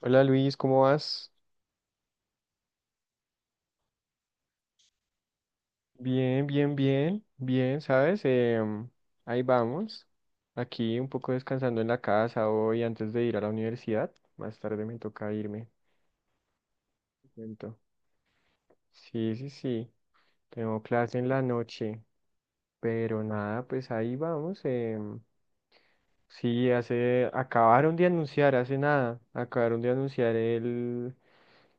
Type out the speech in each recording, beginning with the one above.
Hola Luis, ¿cómo vas? Bien, bien, bien, bien, ¿sabes? Ahí vamos. Aquí un poco descansando en la casa hoy antes de ir a la universidad. Más tarde me toca irme. Siento. Sí, sí, sí. Tengo clase en la noche. Pero nada, pues ahí vamos. Sí, acabaron de anunciar, hace nada. Acabaron de anunciar el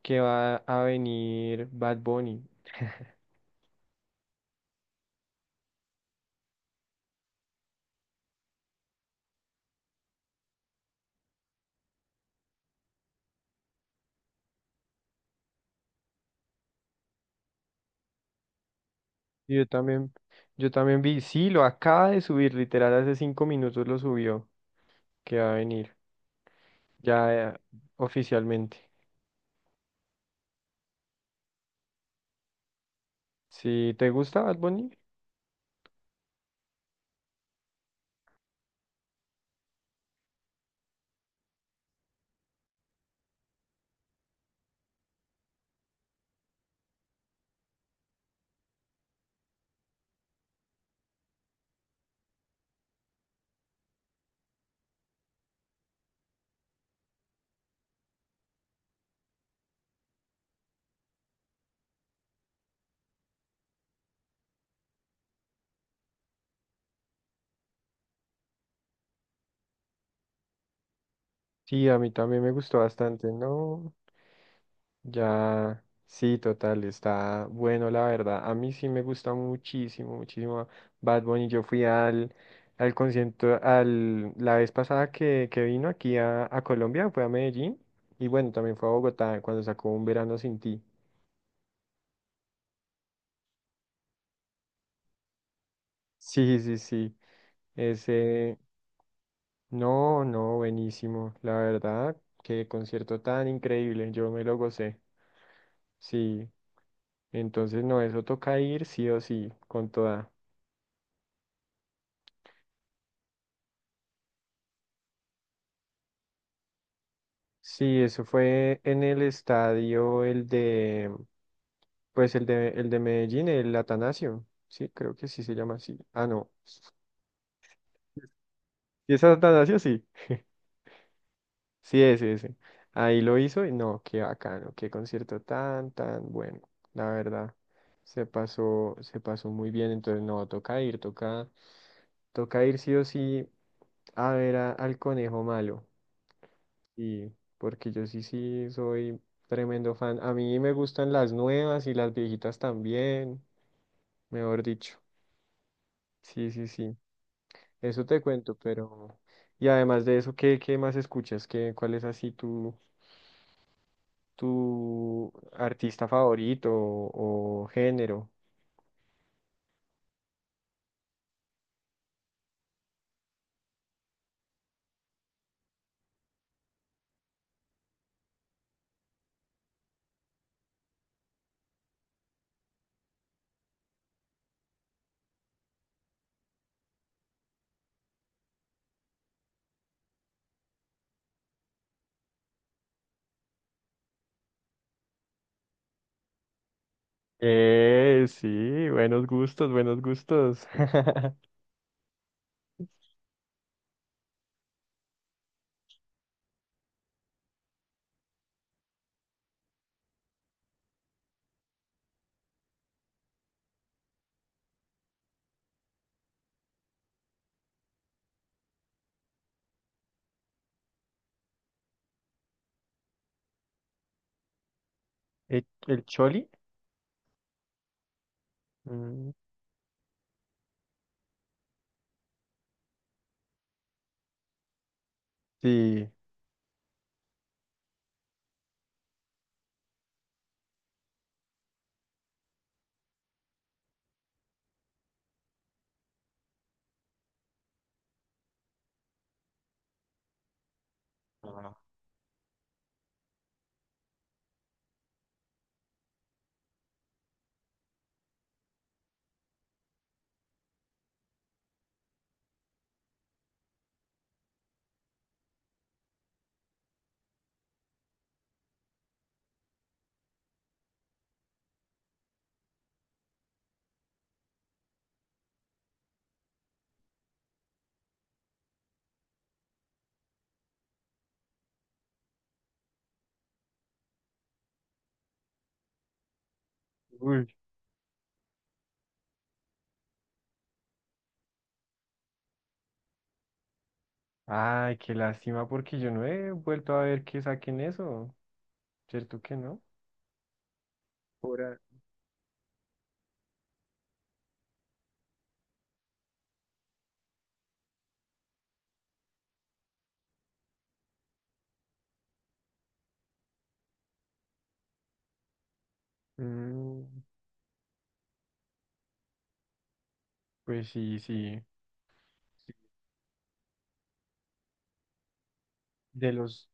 que va a venir Bad Bunny. Yo también, yo también vi, sí, lo acaba de subir, literal, hace 5 minutos lo subió, que va a venir, ya oficialmente. Si te gusta Bad Bunny, sí, a mí también me gustó bastante, ¿no? Ya, sí, total, está bueno, la verdad. A mí sí me gusta muchísimo, muchísimo Bad Bunny. Al concierto, la vez pasada que vino aquí a Colombia, fue a Medellín, y bueno, también fue a Bogotá cuando sacó Un Verano Sin Ti. Sí, sí, sí. Ese, no, no, buenísimo. La verdad, qué concierto tan increíble. Yo me lo gocé. Sí, entonces no, eso toca ir sí o sí, con toda. Sí, eso fue en el estadio, pues el de Medellín, el Atanasio. Sí, creo que sí se llama así. Ah, no. ¿Y es Atanasio? Sí. Sí, ese, ese. Ahí lo hizo y no, qué bacano, qué concierto tan, tan bueno. La verdad, se pasó muy bien. Entonces, no, toca ir sí o sí a ver al conejo malo. Sí, porque yo sí, sí soy tremendo fan. A mí me gustan las nuevas y las viejitas también, mejor dicho. Sí, sí, sí. Eso te cuento, pero. Y además de eso, ¿qué, qué más escuchas? ¿Qué, cuál es así tú, tu artista favorito o género? Sí, buenos gustos, buenos gustos. ¿El Choli? Mm. Sí. Ah. Uy. Ay, qué lástima porque yo no he vuelto a ver que saquen eso. ¿Cierto que no? Ahora mm, pues sí, sí. De los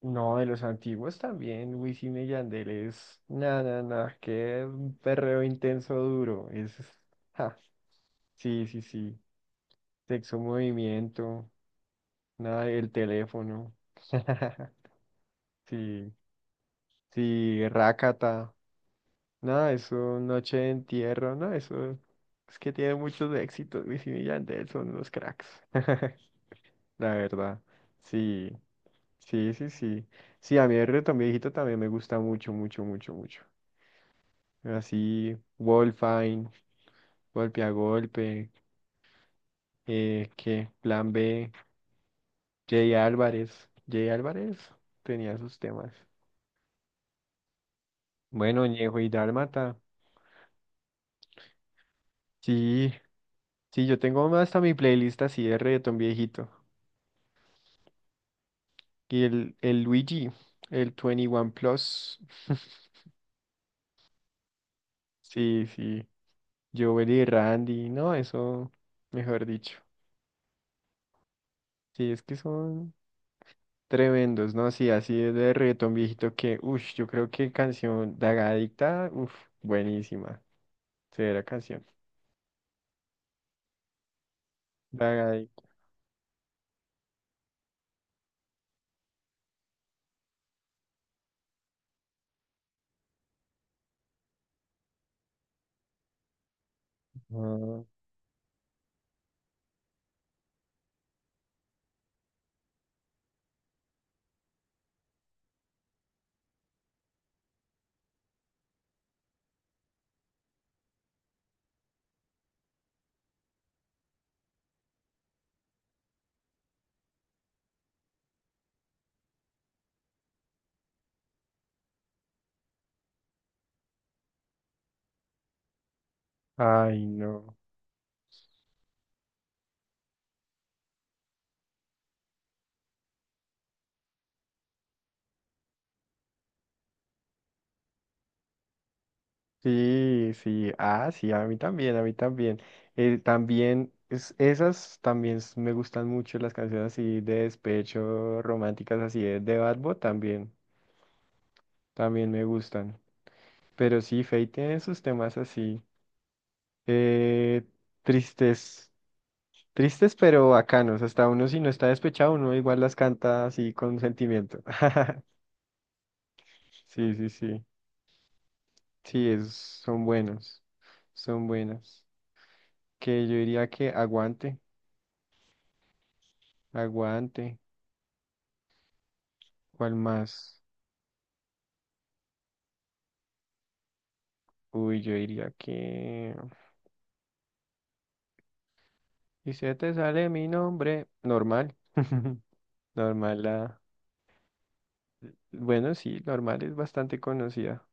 No, de los antiguos también, Wisin y Yandel es, na, na, na, qué perreo intenso duro, es, ja, sí, sí, sí, sexo movimiento, nada, el teléfono, sí, sí, rácata, nada, eso, noche de entierro, no, eso, es que tiene muchos éxitos, Wisin y Yandel son unos cracks, la verdad, sí, sí, sí, sí, sí, a mí el reggaetón viejito también me gusta mucho, mucho, mucho, mucho. Así, Wolfine, golpe a golpe, que Plan B, Jay Álvarez. Jay Álvarez tenía sus temas. Bueno, Ñejo y Dálmata. Sí, sí, yo tengo hasta mi playlist así de reggaetón viejito. El Luigi, el 21 Plus. Sí, sí. Joel y Randy, no, eso, mejor dicho. Sí, es que son. Tremendos, ¿no? Sí, así es de reggaetón viejito que, uff, yo creo que canción Dagadicta, uff, buenísima. Severa canción. Dagadicta. Ah. Ay, no. Sí, sí. Ah, sí, a mí también, a mí también. Esas también me gustan mucho las canciones así de despecho, románticas, así de Bad Bunny también. También me gustan. Pero sí, Feid tiene sus temas así. Eh, tristes. Tristes pero bacanos, hasta uno si no está despechado, uno igual las canta así con sentimiento. Sí, sí, sí, sí, son buenos, son buenas. Que yo diría que aguante, aguante, ¿cuál más? Uy, yo diría que... Y si se te sale mi nombre, normal. Normal la... Bueno, sí, normal es bastante conocida.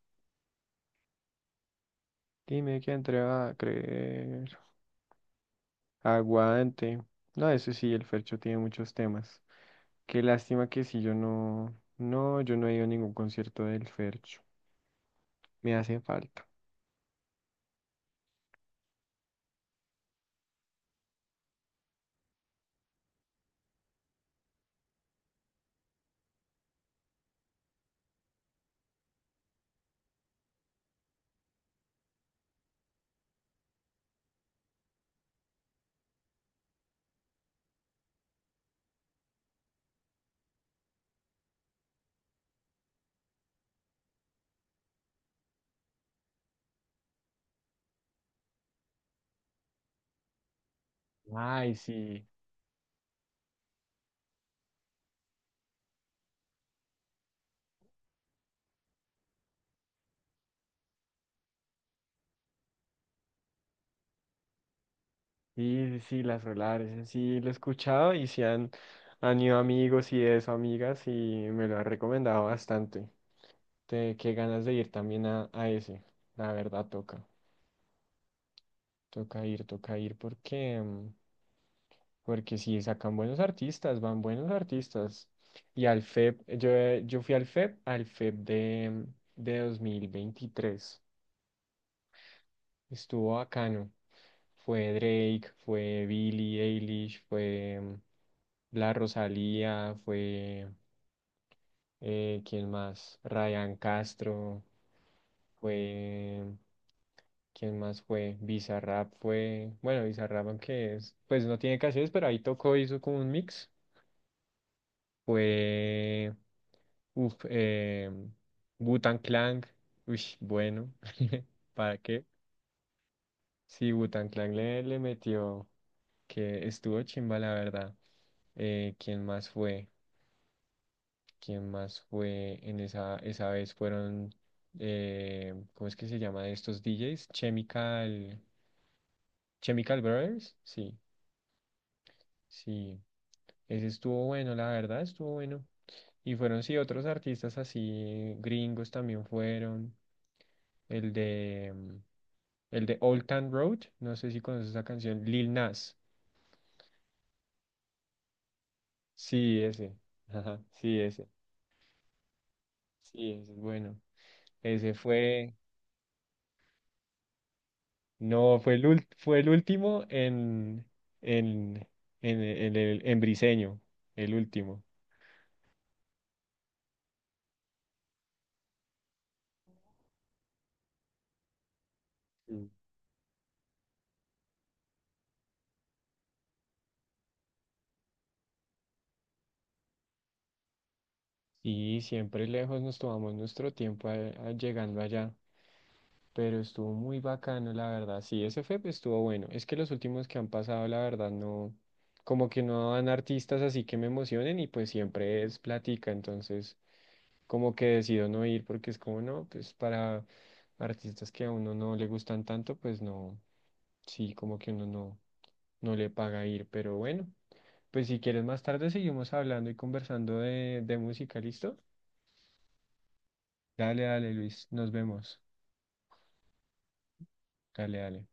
Dime quién te va a creer. Aguante. No, eso sí, el Fercho tiene muchos temas. Qué lástima que si yo no, no, yo no he ido a ningún concierto del Fercho. Me hace falta. Ay, sí, sí, sí, sí, las Solares, en sí, lo he escuchado y sí han, han ido amigos y eso, amigas, y me lo han recomendado bastante. Qué ganas de ir también a ese. La verdad, toca ir, porque, porque sí, sacan buenos artistas, van buenos artistas. Y al FEP, yo fui al FEP, al FEP de, de 2023. Estuvo bacano. Fue Drake, fue Billie Eilish, fue La Rosalía, fue, ¿quién más? Ryan Castro, fue, ¿quién más fue? Bizarrap fue, bueno, Bizarrap aunque es, pues no tiene canciones, pero ahí tocó, hizo como un mix. Fue, uff, Wu-Tang Clan, uy, bueno, ¿para qué? Sí, Wu-Tang Clan le metió. Que estuvo chimba, la verdad. ¿Quién más fue? ¿Quién más fue en esa, esa vez? Fueron, ¿cómo es que se llama de estos DJs? Chemical Brothers, sí, sí. Ese estuvo bueno, la verdad, estuvo bueno. Y fueron, sí, otros artistas así, gringos también fueron. El de, mm, el de Old Town Road, no sé si conoces esa canción, Lil Nas. Sí, ese. Ajá, sí, ese. Sí, ese es bueno. Ese fue, no, fue fue el último en, en, en en Briseño, el último. Mm. Y siempre lejos nos tomamos nuestro tiempo llegando allá, pero estuvo muy bacano, la verdad. Sí, ese fue, pues, estuvo bueno. Es que los últimos que han pasado, la verdad, no, como que no dan artistas así que me emocionen y pues siempre es plática, entonces... como que decido no ir porque es como, no, pues para artistas que a uno no le gustan tanto, pues no, sí, como que uno no, no le paga ir, pero bueno, pues si quieres más tarde seguimos hablando y conversando de música, ¿listo? Dale, dale, Luis, nos vemos. Dale, dale.